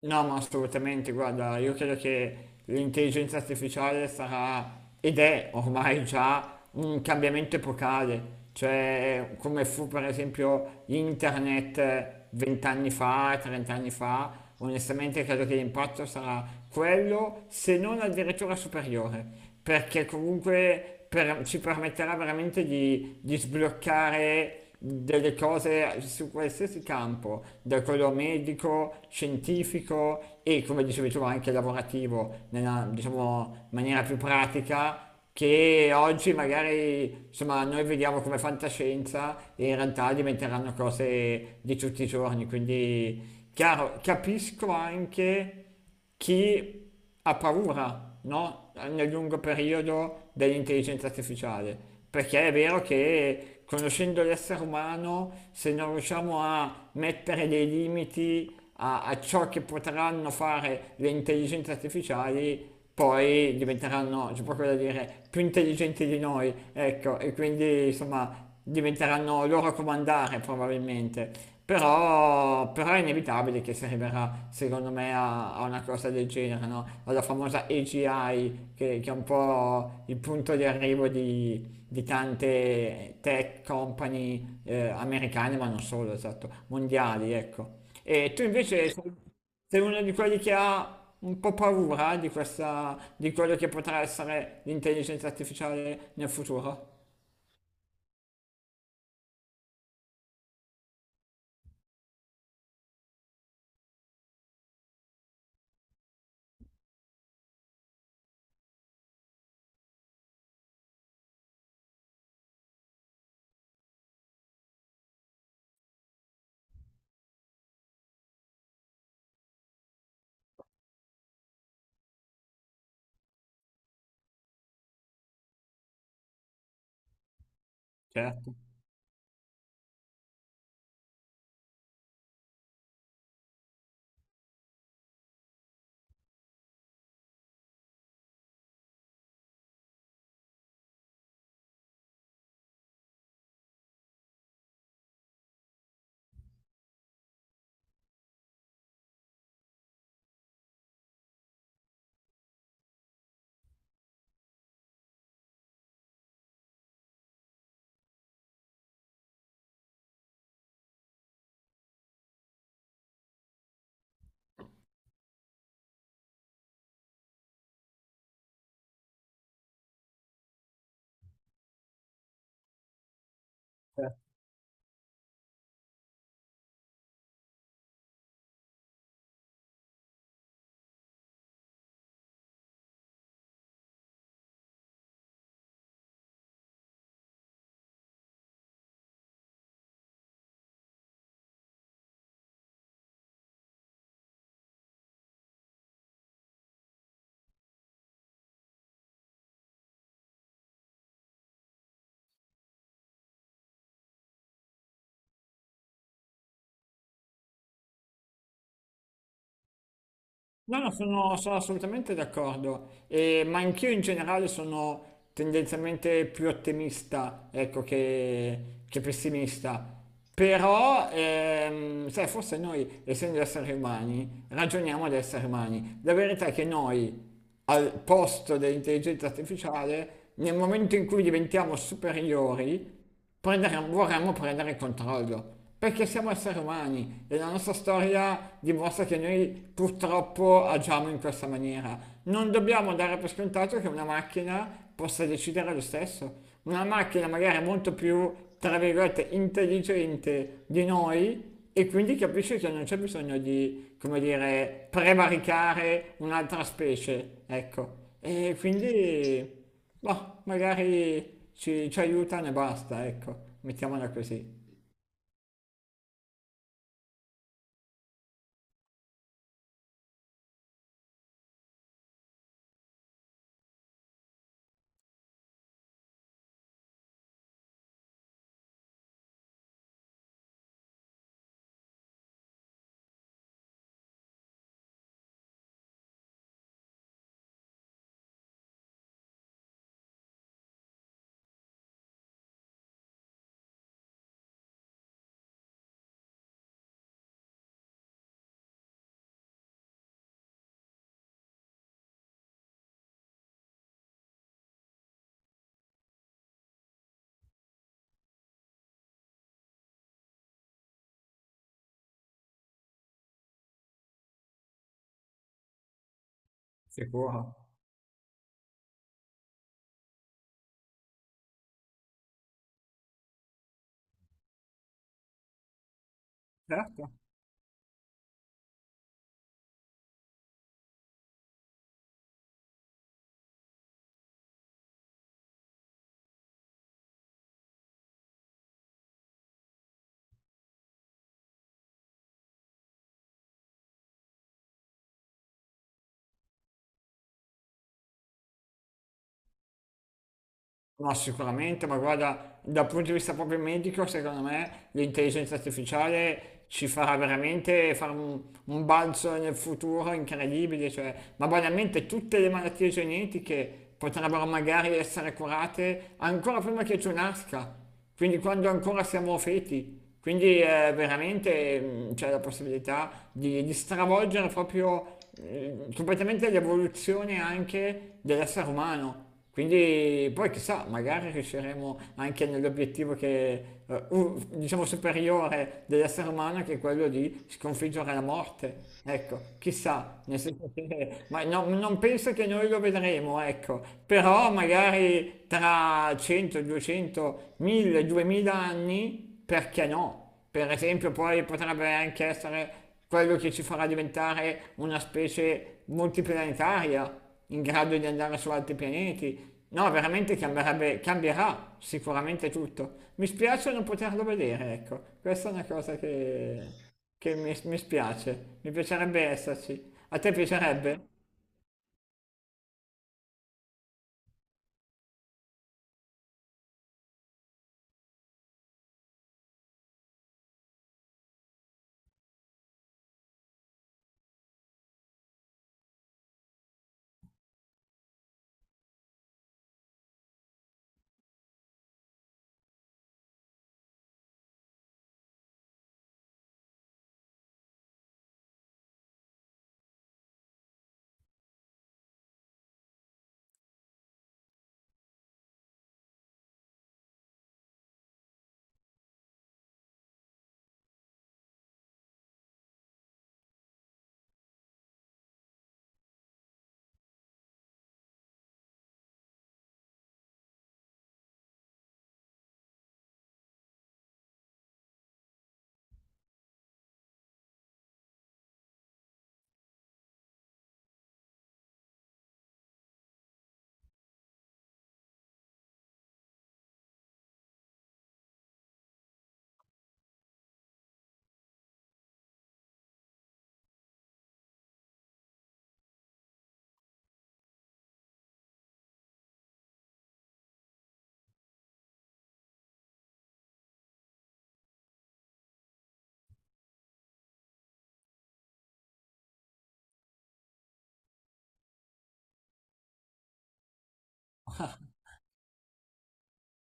No, ma assolutamente, guarda, io credo che l'intelligenza artificiale sarà ed è ormai già un cambiamento epocale, cioè come fu per esempio internet vent'anni fa, trent'anni fa, onestamente credo che l'impatto sarà quello, se non addirittura superiore, perché comunque ci permetterà veramente di sbloccare delle cose su qualsiasi campo, da quello medico, scientifico e come dicevi tu anche lavorativo, nella diciamo, maniera più pratica che oggi magari insomma, noi vediamo come fantascienza e in realtà diventeranno cose di tutti i giorni. Quindi, chiaro, capisco anche chi ha paura, no? Nel lungo periodo dell'intelligenza artificiale, perché è vero che conoscendo l'essere umano, se non riusciamo a mettere dei limiti a ciò che potranno fare le intelligenze artificiali, poi diventeranno, c'è proprio da dire, più intelligenti di noi, ecco, e quindi insomma diventeranno loro a comandare probabilmente. Però è inevitabile che si arriverà, secondo me, a, a una cosa del genere, no? Alla famosa AGI, che è un po' il punto di arrivo di tante tech company americane, ma non solo, esatto, mondiali, ecco. E tu invece sei uno di quelli che ha un po' paura di questa, di quello che potrà essere l'intelligenza artificiale nel futuro. Certo. No, no, sono assolutamente d'accordo, ma anch'io in generale sono tendenzialmente più ottimista, ecco, che pessimista. Però, sai, forse noi, essendo esseri umani, ragioniamo da esseri umani. La verità è che noi, al posto dell'intelligenza artificiale, nel momento in cui diventiamo superiori, vorremmo prendere il controllo, perché siamo esseri umani e la nostra storia dimostra che noi purtroppo agiamo in questa maniera. Non dobbiamo dare per scontato che una macchina possa decidere lo stesso. Una macchina magari molto più, tra virgolette, intelligente di noi e quindi capisce che non c'è bisogno di, come dire, prevaricare un'altra specie, ecco. E quindi boh, magari ci aiutano e basta, ecco, mettiamola così. Sicuro? Certo. No, sicuramente, ma guarda, dal punto di vista proprio medico, secondo me l'intelligenza artificiale ci farà veramente fare un balzo nel futuro incredibile, cioè, ma banalmente tutte le malattie genetiche potrebbero magari essere curate ancora prima che tu nasca, quindi quando ancora siamo feti. Quindi veramente mm, c'è la possibilità di stravolgere proprio completamente l'evoluzione anche dell'essere umano. Quindi poi chissà, magari riusciremo anche nell'obiettivo che, diciamo, superiore dell'essere umano, che è quello di sconfiggere la morte. Ecco, chissà, nel senso che, ma non penso che noi lo vedremo, ecco, però magari tra 100, 200, 1000, 2000 anni, perché no? Per esempio, poi potrebbe anche essere quello che ci farà diventare una specie multiplanetaria in grado di andare su altri pianeti. No, veramente cambierà sicuramente tutto. Mi spiace non poterlo vedere, ecco. Questa è una cosa che mi spiace. Mi piacerebbe esserci. A te piacerebbe?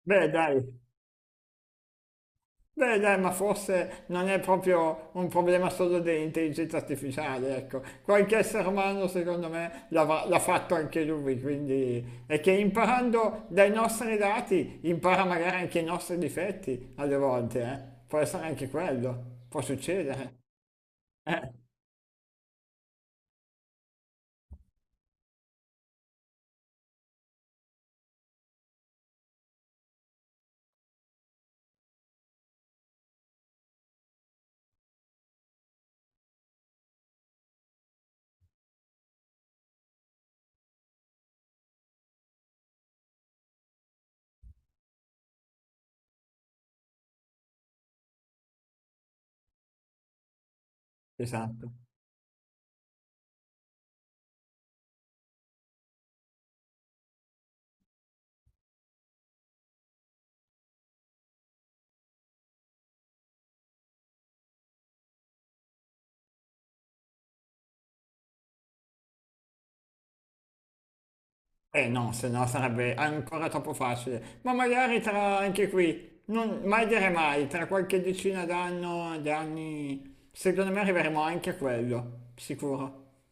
Beh, dai. Beh, dai, ma forse non è proprio un problema solo dell'intelligenza artificiale, ecco. Qualche essere umano, secondo me, l'ha fatto anche lui, quindi è che imparando dai nostri dati impara magari anche i nostri difetti alle volte, eh. Può essere anche quello, può succedere. Eh, esatto. Eh no, se no sarebbe ancora troppo facile. Ma magari tra anche qui, non, mai dire mai, tra qualche d'anni, secondo me arriveremo anche a quello, sicuro.